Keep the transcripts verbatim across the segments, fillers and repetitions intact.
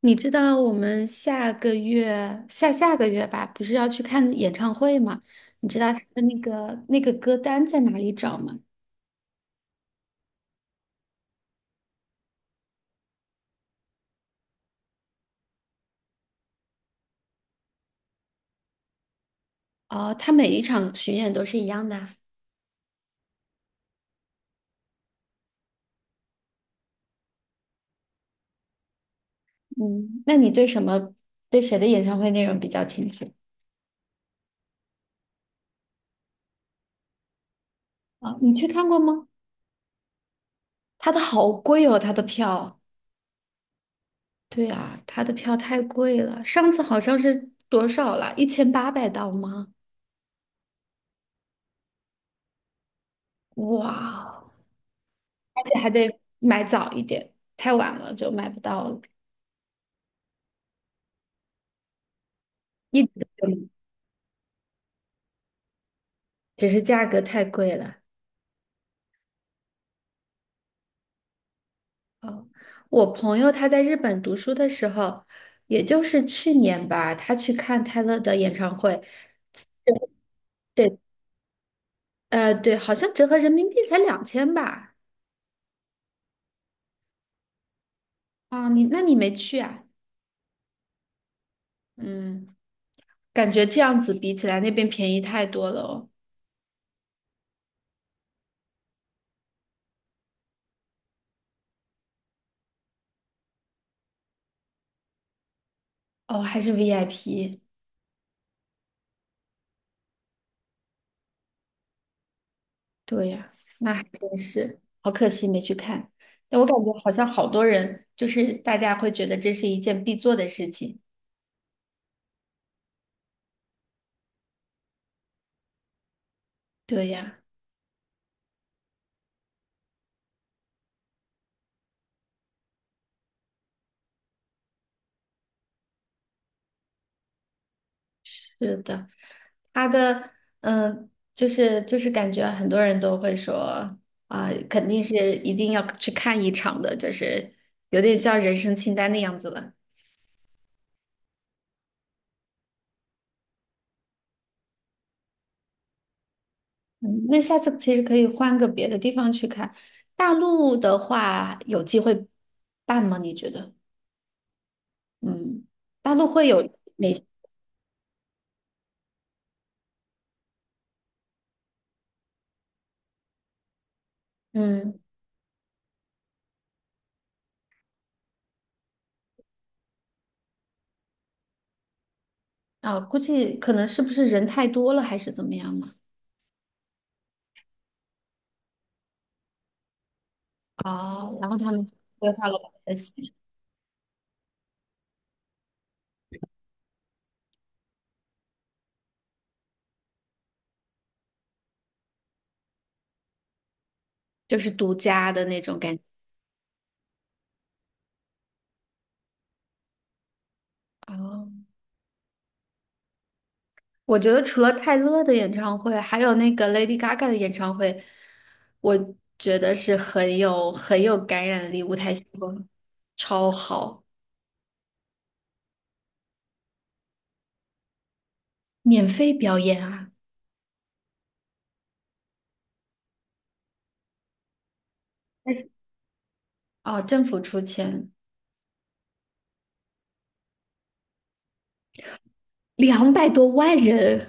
你知道我们下个月、下下个月吧，不是要去看演唱会吗？你知道他的那个那个歌单在哪里找吗？哦，他每一场巡演都是一样的啊。嗯，那你对什么对谁的演唱会内容比较清楚？啊？你去看过吗？他的好贵哦，他的票。对啊，他的票太贵了，上次好像是多少了？一千八百刀吗？哇，而且还得买早一点，太晚了就买不到了。一直都有，只是价格太贵了。哦，我朋友他在日本读书的时候，也就是去年吧，他去看泰勒的演唱会。对，呃，对，好像折合人民币才两千吧。啊，你那你没去啊？嗯，感觉这样子比起来那边便宜太多了哦。哦，还是 V I P。对呀，那还真是，好可惜没去看。哎，我感觉好像好多人，就是大家会觉得这是一件必做的事情。对呀。是的，他的嗯、呃就是就是感觉很多人都会说啊、肯定是一定要去看一场的，就是有点像人生清单的样子了。嗯，那下次其实可以换个别的地方去看。大陆的话，有机会办吗？你觉得？嗯，大陆会有哪些？嗯，啊、估计可能是不是人太多了，还是怎么样呢？哦，然后他们就规划了我们的行程。就是独家的那种感觉。哦。我觉得除了泰勒的演唱会，还有那个 Lady Gaga 的演唱会，我觉得是很有很有感染力，舞台效果超好。免费表演啊！哦，政府出钱。两百多万人，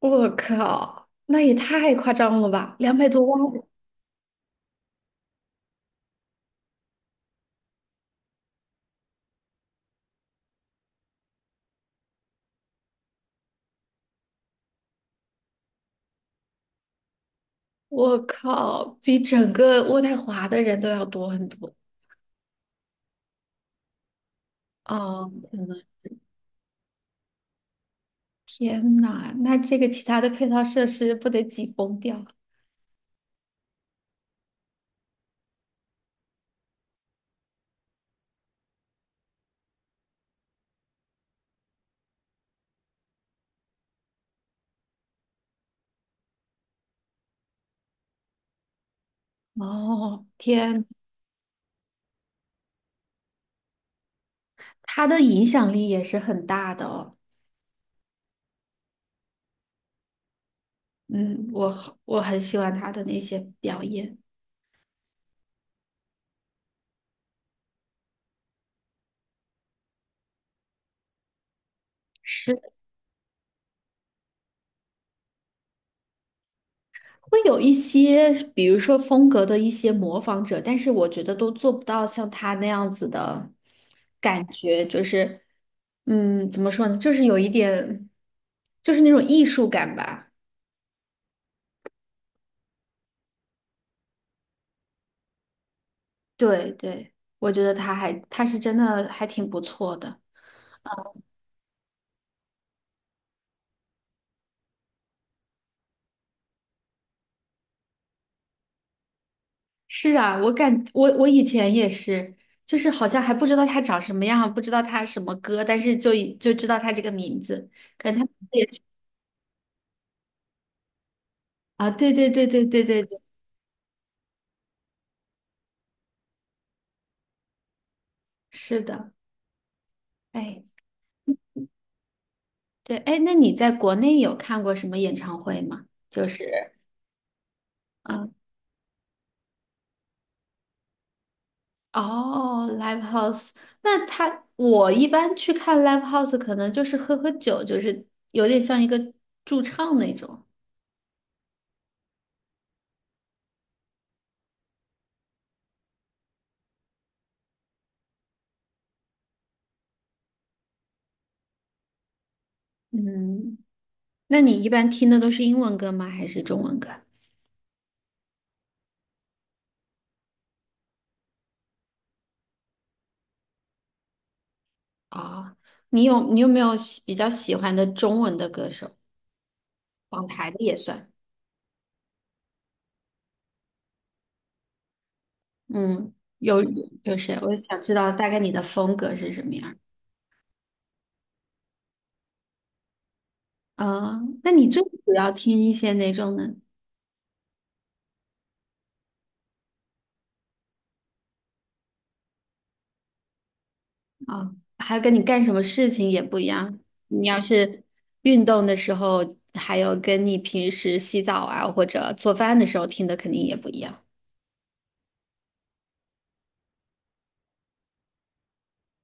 我靠，那也太夸张了吧！两百多万人。我靠，比整个渥太华的人都要多很多。哦，我的天呐，那这个其他的配套设施不得挤崩掉？哦，天。他的影响力也是很大的哦。嗯，我好我很喜欢他的那些表演。会有一些，比如说风格的一些模仿者，但是我觉得都做不到像他那样子的感觉，就是，嗯，怎么说呢，就是有一点，就是那种艺术感吧。对对，我觉得他还他是真的还挺不错的。是啊，我感我我以前也是，就是好像还不知道他长什么样，不知道他什么歌，但是就已就知道他这个名字，可能他也是。啊，对对对对对对对。是的，哎，对，哎，那你在国内有看过什么演唱会吗？就是，嗯，哦，live house。那他我一般去看 live house，可能就是喝喝酒，就是有点像一个驻唱那种。嗯，那你一般听的都是英文歌吗？还是中文歌？啊，你有你有没有喜比较喜欢的中文的歌手？港台的也算。嗯，有有谁？我想知道大概你的风格是什么样儿。啊，那你最主要听一些哪种呢？啊，还有跟你干什么事情也不一样。你要是运动的时候，还有跟你平时洗澡啊或者做饭的时候听的肯定也不一样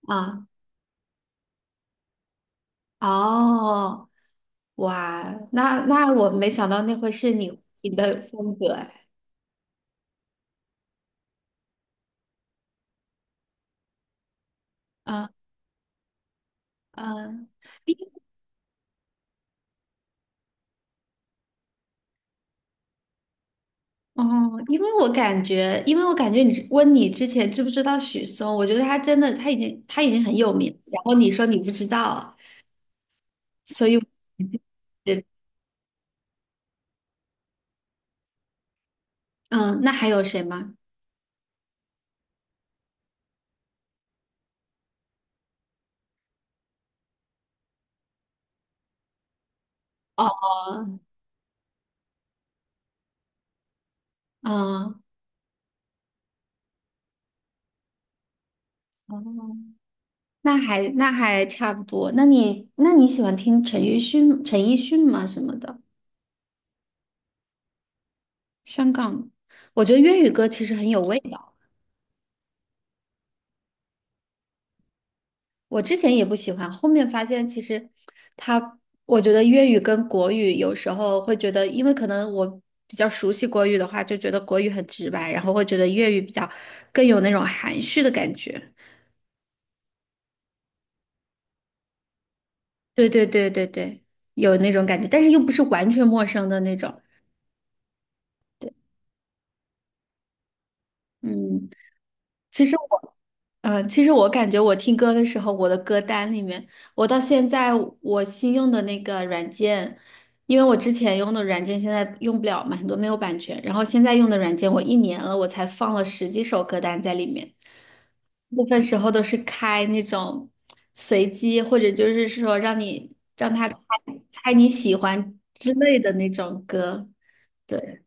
啊。哦，哇，那那我没想到那会是你你的风格哎。啊嗯，因哦，因为我感觉，因为我感觉你问你之前知不知道许嵩，我觉得他真的他已经他已经很有名，然后你说你不知道，所以我。嗯，那还有谁吗？哦，嗯，哦，那还那还差不多。那你那你喜欢听陈奕迅陈奕迅吗？什么的。香港，我觉得粤语歌其实很有味道。我之前也不喜欢，后面发现其实他，我觉得粤语跟国语有时候会觉得，因为可能我比较熟悉国语的话，就觉得国语很直白，然后会觉得粤语比较更有那种含蓄的感觉。对对对对对，有那种感觉，但是又不是完全陌生的那种。对，嗯。其实我，嗯、其实我感觉我听歌的时候，我的歌单里面，我到现在我新用的那个软件，因为我之前用的软件现在用不了嘛，很多没有版权，然后现在用的软件，我一年了，我才放了十几首歌单在里面，部分时候都是开那种随机，或者就是说让你让他猜猜你喜欢之类的那种歌。对，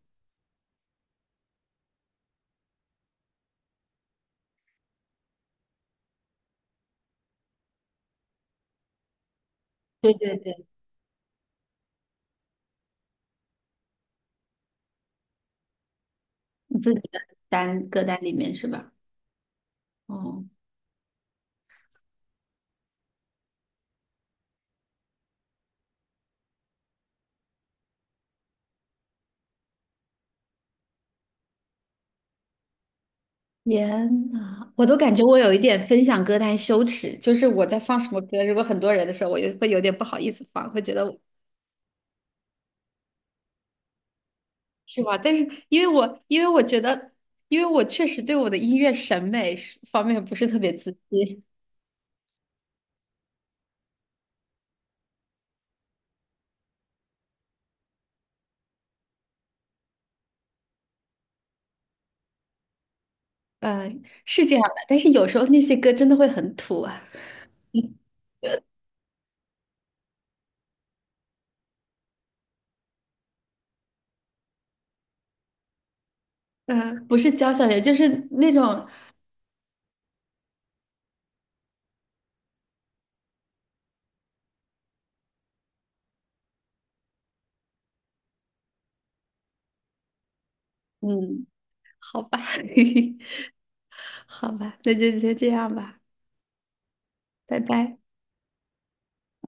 对对对，你自己的单歌单里面是吧？哦。天呐，我都感觉我有一点分享歌单羞耻，就是我在放什么歌，如果很多人的时候，我也会有点不好意思放，会觉得我。是吧？但是因为我因为我觉得，因为我确实对我的音乐审美是方面不是特别自信。嗯，是这样的。但是有时候那些歌真的会很土啊。呃，不是交响乐，就是那种，嗯，好吧，好吧，那就先这样吧，拜拜。